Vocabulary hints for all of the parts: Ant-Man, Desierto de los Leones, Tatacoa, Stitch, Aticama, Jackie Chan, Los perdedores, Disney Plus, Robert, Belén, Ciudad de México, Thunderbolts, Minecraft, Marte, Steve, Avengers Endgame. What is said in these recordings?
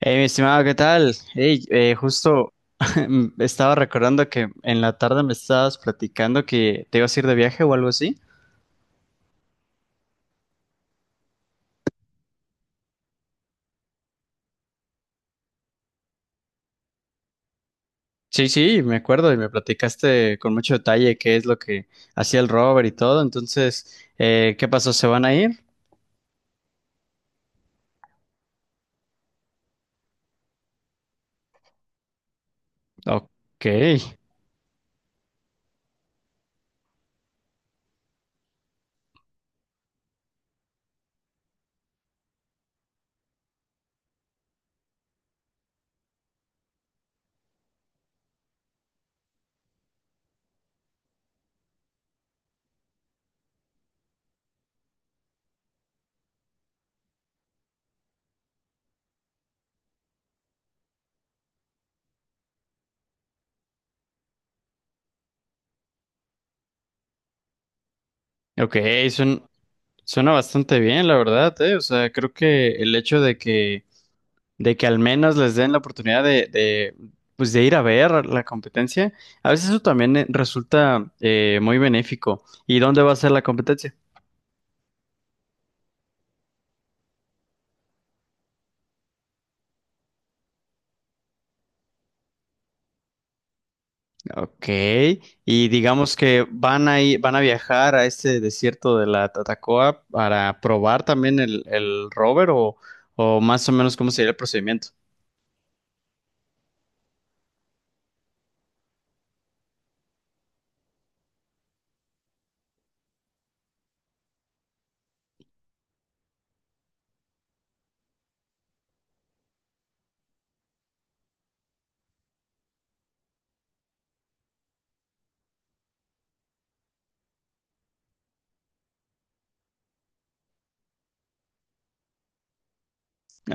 Hey, mi estimado, ¿qué tal? Hey, justo estaba recordando que en la tarde me estabas platicando que te ibas a ir de viaje o algo así. Sí, sí, me acuerdo y me platicaste con mucho detalle qué es lo que hacía el Robert y todo. Entonces, ¿qué pasó? ¿Se van a ir? Ok, ok, suena, suena bastante bien, la verdad, eh. O sea, creo que el hecho de que al menos les den la oportunidad pues de ir a ver la competencia. A veces eso también resulta muy benéfico. ¿Y dónde va a ser la competencia? Ok, y digamos que van a viajar a este desierto de la Tatacoa para probar también el rover o más o menos cómo sería el procedimiento.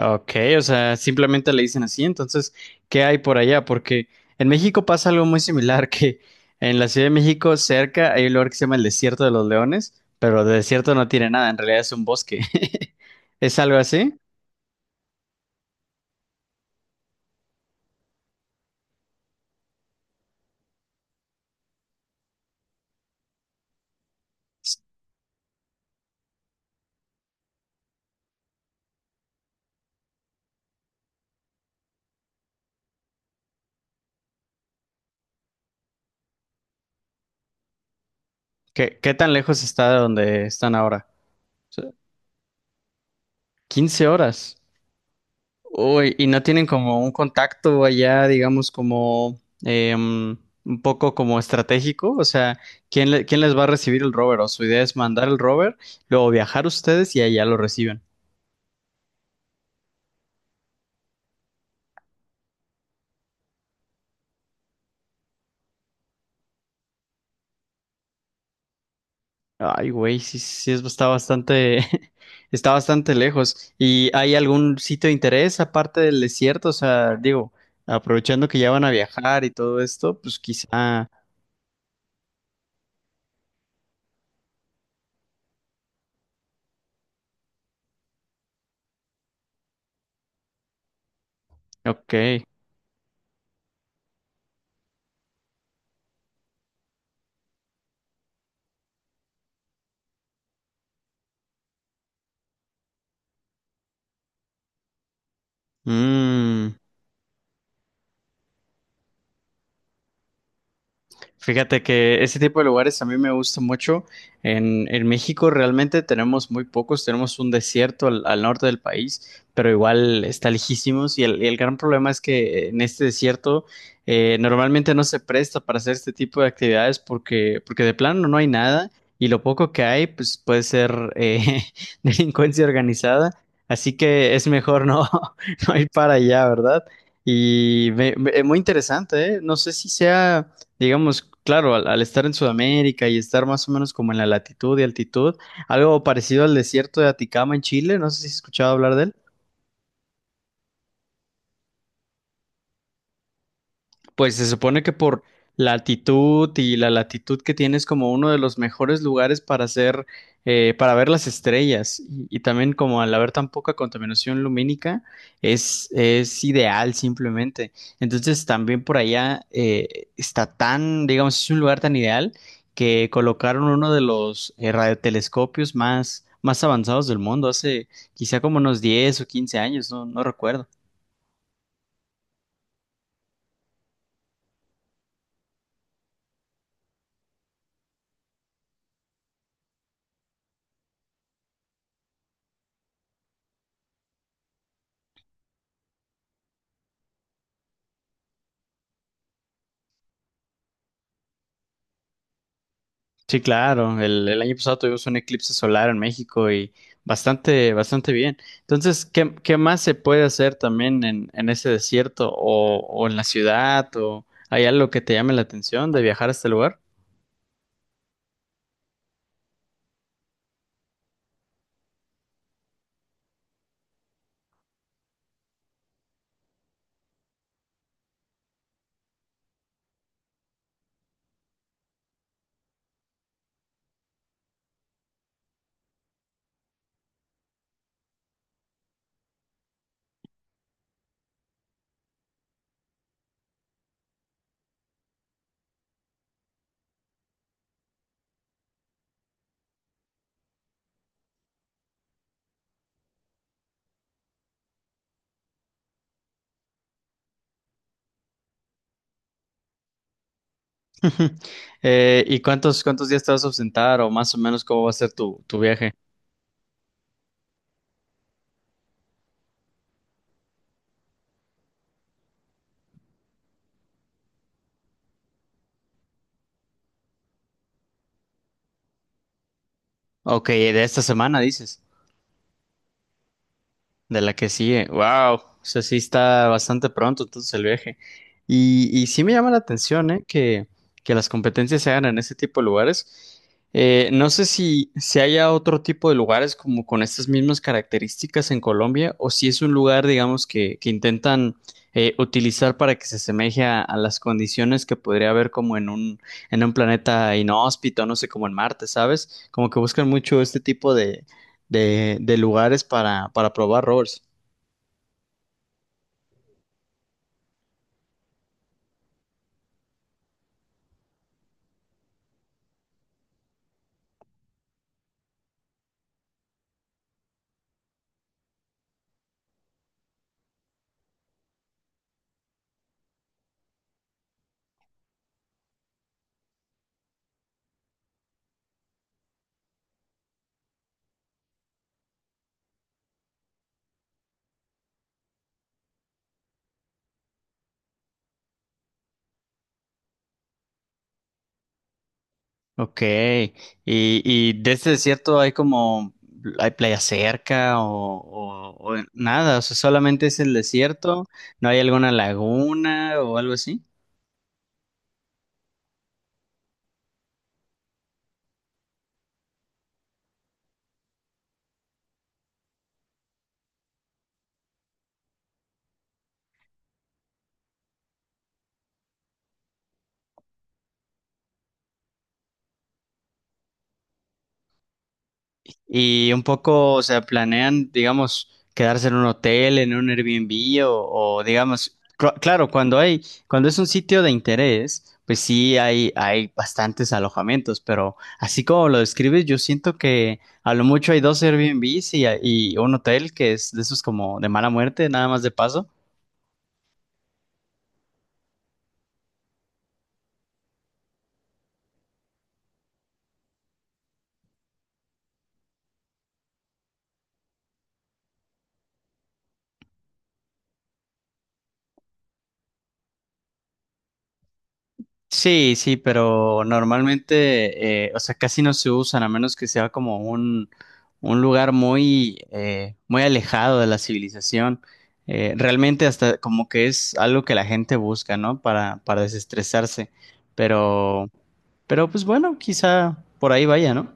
Ok, o sea, simplemente le dicen así. Entonces, ¿qué hay por allá? Porque en México pasa algo muy similar, que en la Ciudad de México, cerca, hay un lugar que se llama el Desierto de los Leones, pero de desierto no tiene nada, en realidad es un bosque. ¿Es algo así? ¿Qué, qué tan lejos está de donde están ahora? O sea, 15 horas. Uy, y no tienen como un contacto allá, digamos, como em, un poco como estratégico. O sea, ¿quién les va a recibir el rover? O su idea es mandar el rover, luego viajar ustedes y allá lo reciben. Ay, güey, sí, sí, está bastante, está bastante lejos. ¿Y hay algún sitio de interés aparte del desierto? O sea, digo, aprovechando que ya van a viajar y todo esto, pues quizá, ok. Mm. Fíjate que ese tipo de lugares a mí me gusta mucho. En México realmente tenemos muy pocos, tenemos un desierto al norte del país, pero igual está lejísimos y el gran problema es que en este desierto normalmente no se presta para hacer este tipo de actividades porque de plano no hay nada y lo poco que hay pues puede ser delincuencia organizada, así que es mejor no, no ir para allá, ¿verdad? Y muy interesante, ¿eh? No sé si sea… Digamos, claro, al estar en Sudamérica y estar más o menos como en la latitud y altitud, algo parecido al desierto de Aticama en Chile, no sé si has escuchado hablar de él. Pues se supone que por la altitud y la latitud que tienes como uno de los mejores lugares para hacer, para ver las estrellas y también como al haber tan poca contaminación lumínica es ideal simplemente. Entonces también por allá está tan, digamos, es un lugar tan ideal que colocaron uno de los radiotelescopios más, más avanzados del mundo hace quizá como unos 10 o 15 años, no, no recuerdo. Sí, claro. El año pasado tuvimos un eclipse solar en México y bastante, bastante bien. Entonces, ¿qué, qué más se puede hacer también en ese desierto o en la ciudad? ¿O hay algo que te llame la atención de viajar a este lugar? ¿Y cuántos, cuántos días te vas a ausentar o más o menos cómo va a ser tu viaje? Ok, de esta semana dices. De la que sigue, wow, o sea, sí está bastante pronto entonces el viaje. Y sí me llama la atención, ¿eh? Que las competencias se hagan en ese tipo de lugares. No sé si, si haya otro tipo de lugares como con estas mismas características en Colombia o si es un lugar, digamos, que intentan utilizar para que se asemeje a las condiciones que podría haber como en un planeta inhóspito, no sé, como en Marte, ¿sabes? Como que buscan mucho este tipo de lugares para probar rovers. Ok, y de este desierto hay como, hay playa cerca o, o nada, o sea, solamente es el desierto, no hay alguna laguna o algo así. Y un poco, o sea, planean, digamos, quedarse en un hotel, en un Airbnb o, digamos, claro, cuando hay, cuando es un sitio de interés, pues sí hay bastantes alojamientos, pero así como lo describes, yo siento que a lo mucho hay dos Airbnbs y un hotel que es de esos como de mala muerte, nada más de paso. Sí, sí, pero normalmente, o sea, casi no se usan, a menos que sea como un lugar muy, muy alejado de la civilización. Realmente hasta como que es algo que la gente busca, ¿no? Para desestresarse. Pero, pero pues bueno, quizá por ahí vaya, ¿no?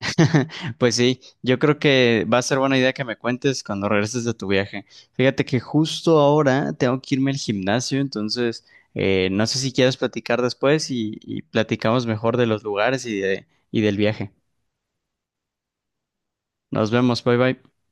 Pues sí, yo creo que va a ser buena idea que me cuentes cuando regreses de tu viaje. Fíjate que justo ahora tengo que irme al gimnasio, entonces no sé si quieres platicar después y platicamos mejor de los lugares y de, y del viaje. Nos vemos, bye bye.